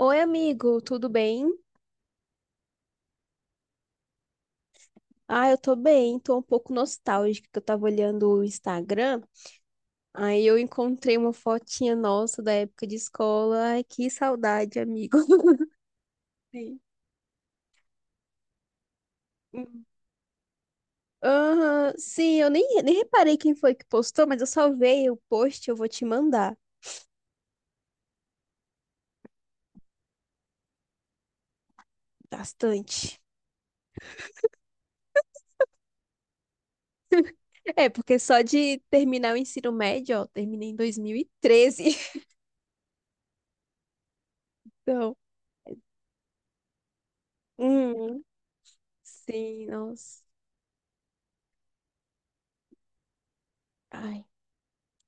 Oi, amigo, tudo bem? Ah, eu tô bem, tô um pouco nostálgica, que eu tava olhando o Instagram, aí eu encontrei uma fotinha nossa da época de escola. Ai, que saudade, amigo. Sim. Aham, sim, eu nem reparei quem foi que postou, mas eu salvei o post, eu vou te mandar bastante. É, porque só de terminar o ensino médio, ó, terminei em 2013. Então, hum, sim, nossa. Ai.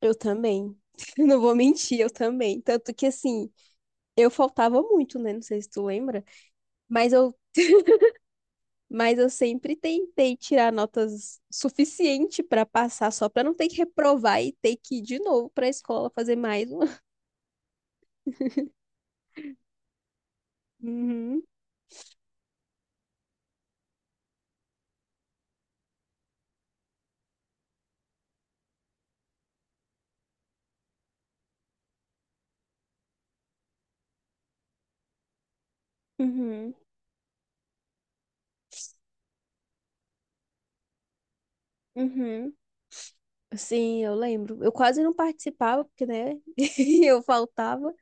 Eu também. Não vou mentir, eu também. Tanto que assim, eu faltava muito, né? Não sei se tu lembra, mas eu, mas eu sempre tentei tirar notas suficiente para passar, só para não ter que reprovar e ter que ir de novo para a escola fazer mais uma. Uhum, uhum, uhum. Sim, eu lembro. Eu quase não participava, porque, né? Eu faltava.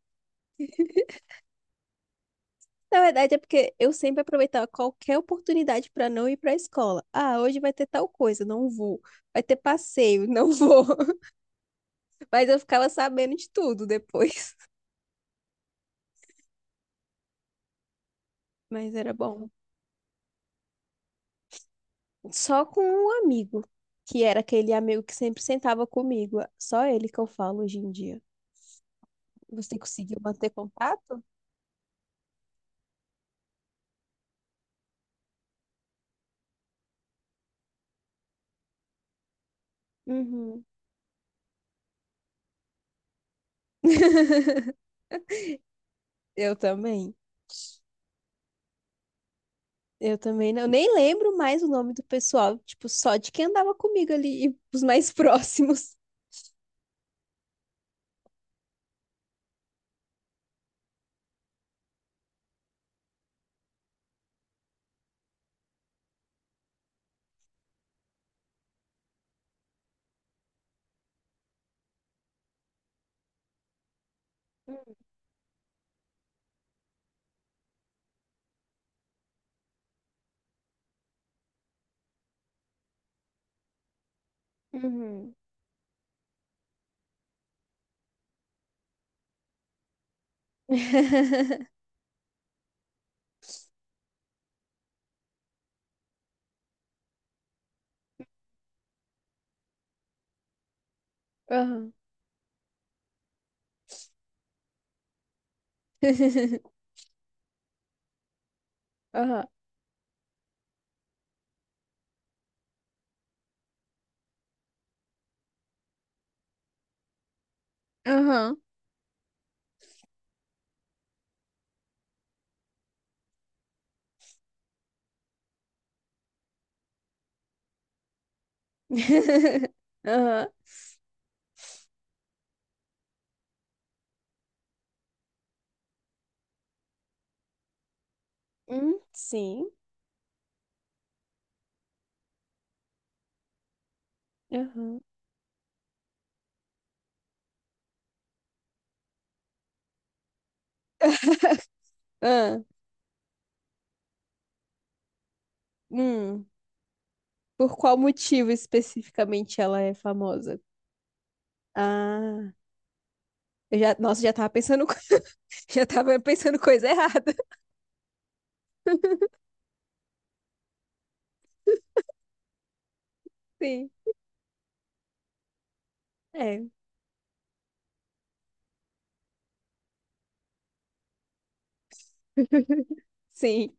Na verdade, é porque eu sempre aproveitava qualquer oportunidade para não ir para a escola. Ah, hoje vai ter tal coisa, não vou. Vai ter passeio, não vou. Mas eu ficava sabendo de tudo depois. Mas era bom. Só com um amigo, que era aquele amigo que sempre sentava comigo. Só ele que eu falo hoje em dia. Você conseguiu manter contato? Uhum. Eu também. Eu também não. Eu nem lembro mais o nome do pessoal, tipo, só de quem andava comigo ali, e os mais próximos. Uhum. Aham. Aham. Aham. Aham. Sim. Aham. Ah, hum. Por qual motivo especificamente ela é famosa? Ah. Eu já, nossa, já tava pensando, já tava pensando coisa errada. Sim, é. Sim.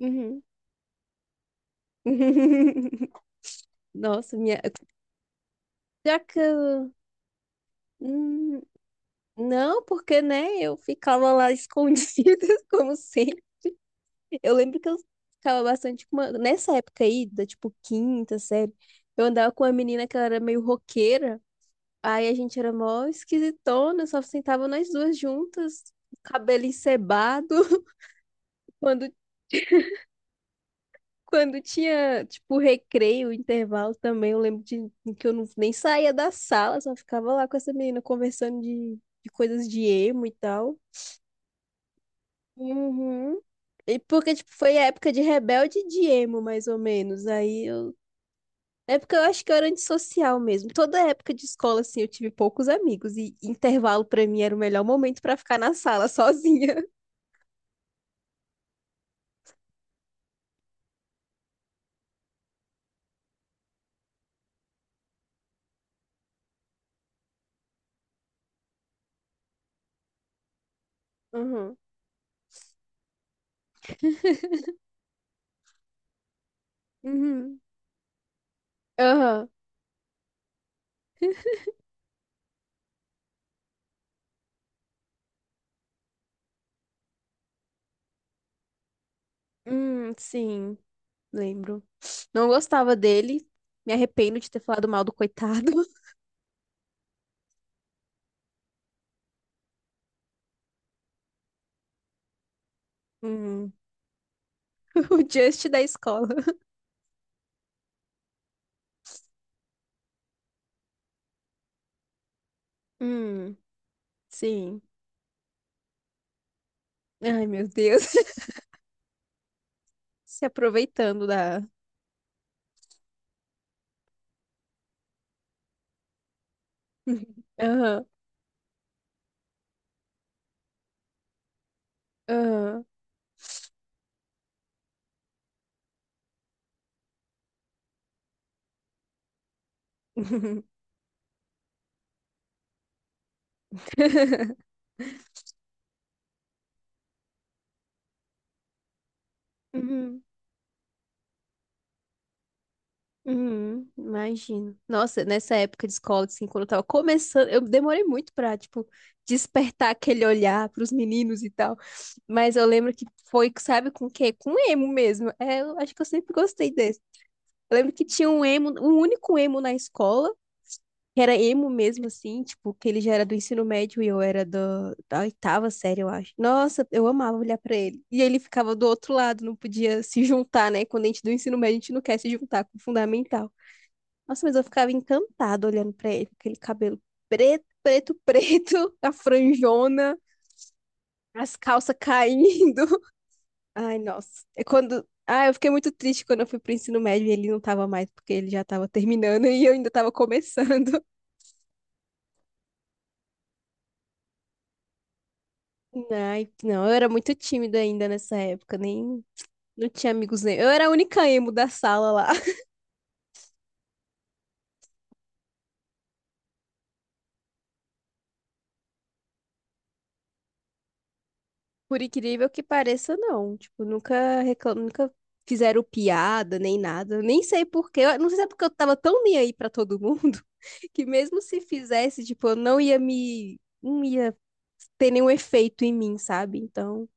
Uhum. Nossa, minha. Já que eu. Hum, não, porque, né, eu ficava lá escondida, como sempre. Eu lembro que eu ficava bastante com uma... Nessa época aí, da tipo quinta série, eu andava com uma menina que ela era meio roqueira. Aí a gente era mó esquisitona, só sentava nós duas juntas, cabelo encebado. Quando Quando tinha, tipo, recreio, intervalo também, eu lembro de que eu não, nem saía da sala, só ficava lá com essa menina conversando de coisas de emo e tal. Uhum. E porque, tipo, foi a época de rebelde e de emo, mais ou menos. Aí eu. É porque eu acho que eu era antissocial mesmo. Toda época de escola, assim, eu tive poucos amigos. E intervalo, pra mim, era o melhor momento pra ficar na sala sozinha. Uhum. Uhum. Aham. Sim. Lembro. Não gostava dele. Me arrependo de ter falado mal do coitado. Hum. O Just da escola. Hum, sim. Ai, meu Deus. Se aproveitando da. Aham, aham. Uhum, uhum, imagino. Nossa, nessa época de escola, assim, quando eu tava começando, eu demorei muito pra, tipo, despertar aquele olhar pros meninos e tal. Mas eu lembro que foi, sabe, com o quê? Com emo mesmo. É, eu acho que eu sempre gostei. Eu lembro que tinha um emo, um único emo na escola, que era emo mesmo, assim, tipo, que ele já era do ensino médio e eu era da oitava série, eu acho. Nossa, eu amava olhar pra ele. E ele ficava do outro lado, não podia se juntar, né? Quando a gente do ensino médio, a gente não quer se juntar com o fundamental. Nossa, mas eu ficava encantada olhando pra ele, com aquele cabelo preto, preto, preto, a franjona, as calças caindo. Ai, nossa. É quando. Ah, eu fiquei muito triste quando eu fui pro ensino médio e ele não tava mais, porque ele já tava terminando e eu ainda tava começando. Ai, não, eu era muito tímida ainda nessa época, nem. Não tinha amigos nem. Eu era a única emo da sala lá. Por incrível que pareça, não. Tipo, nunca reclam... Nunca fizeram piada nem nada. Nem sei por quê. Eu não sei se é porque eu tava tão nem aí pra todo mundo que mesmo se fizesse, tipo, eu não ia me. Não ia ter nenhum efeito em mim, sabe? Então.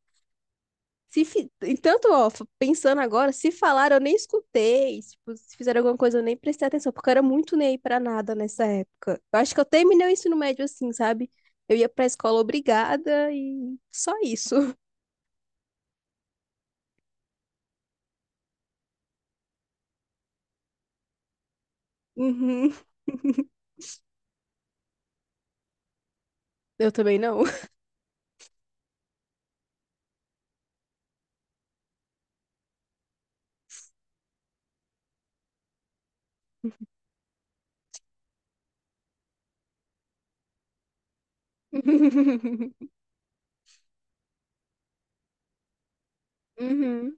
Se fi... e tanto, ó, pensando agora, se falaram, eu nem escutei. Tipo, se fizeram alguma coisa, eu nem prestei atenção, porque eu era muito nem aí pra nada nessa época. Eu acho que eu terminei o ensino médio assim, sabe? Eu ia pra escola obrigada e só isso. Uhum. Eu também não. Uhum.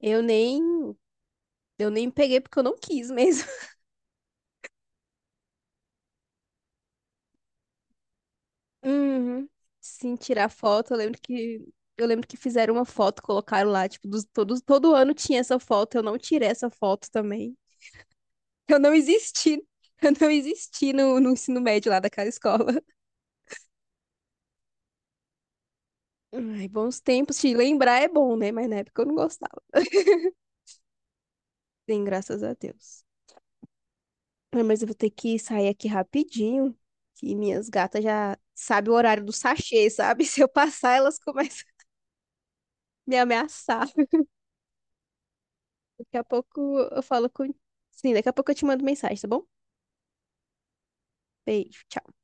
Eu nem, eu nem peguei porque eu não quis mesmo. Uhum. Sim, tirar foto, eu lembro que fizeram uma foto, colocaram lá, tipo, dos, todos, todo ano tinha essa foto, eu não tirei essa foto também. Eu não existi. Eu não existi no ensino médio lá daquela escola. Ai, bons tempos. Se lembrar é bom, né? Mas na época eu não gostava. Sim, graças a Deus. Ah, mas eu vou ter que sair aqui rapidinho, que minhas gatas já sabem o horário do sachê, sabe? Se eu passar, elas começam a me ameaçar. Daqui a pouco eu falo com... Sim, daqui a pouco eu te mando mensagem, tá bom? Beijo, tchau.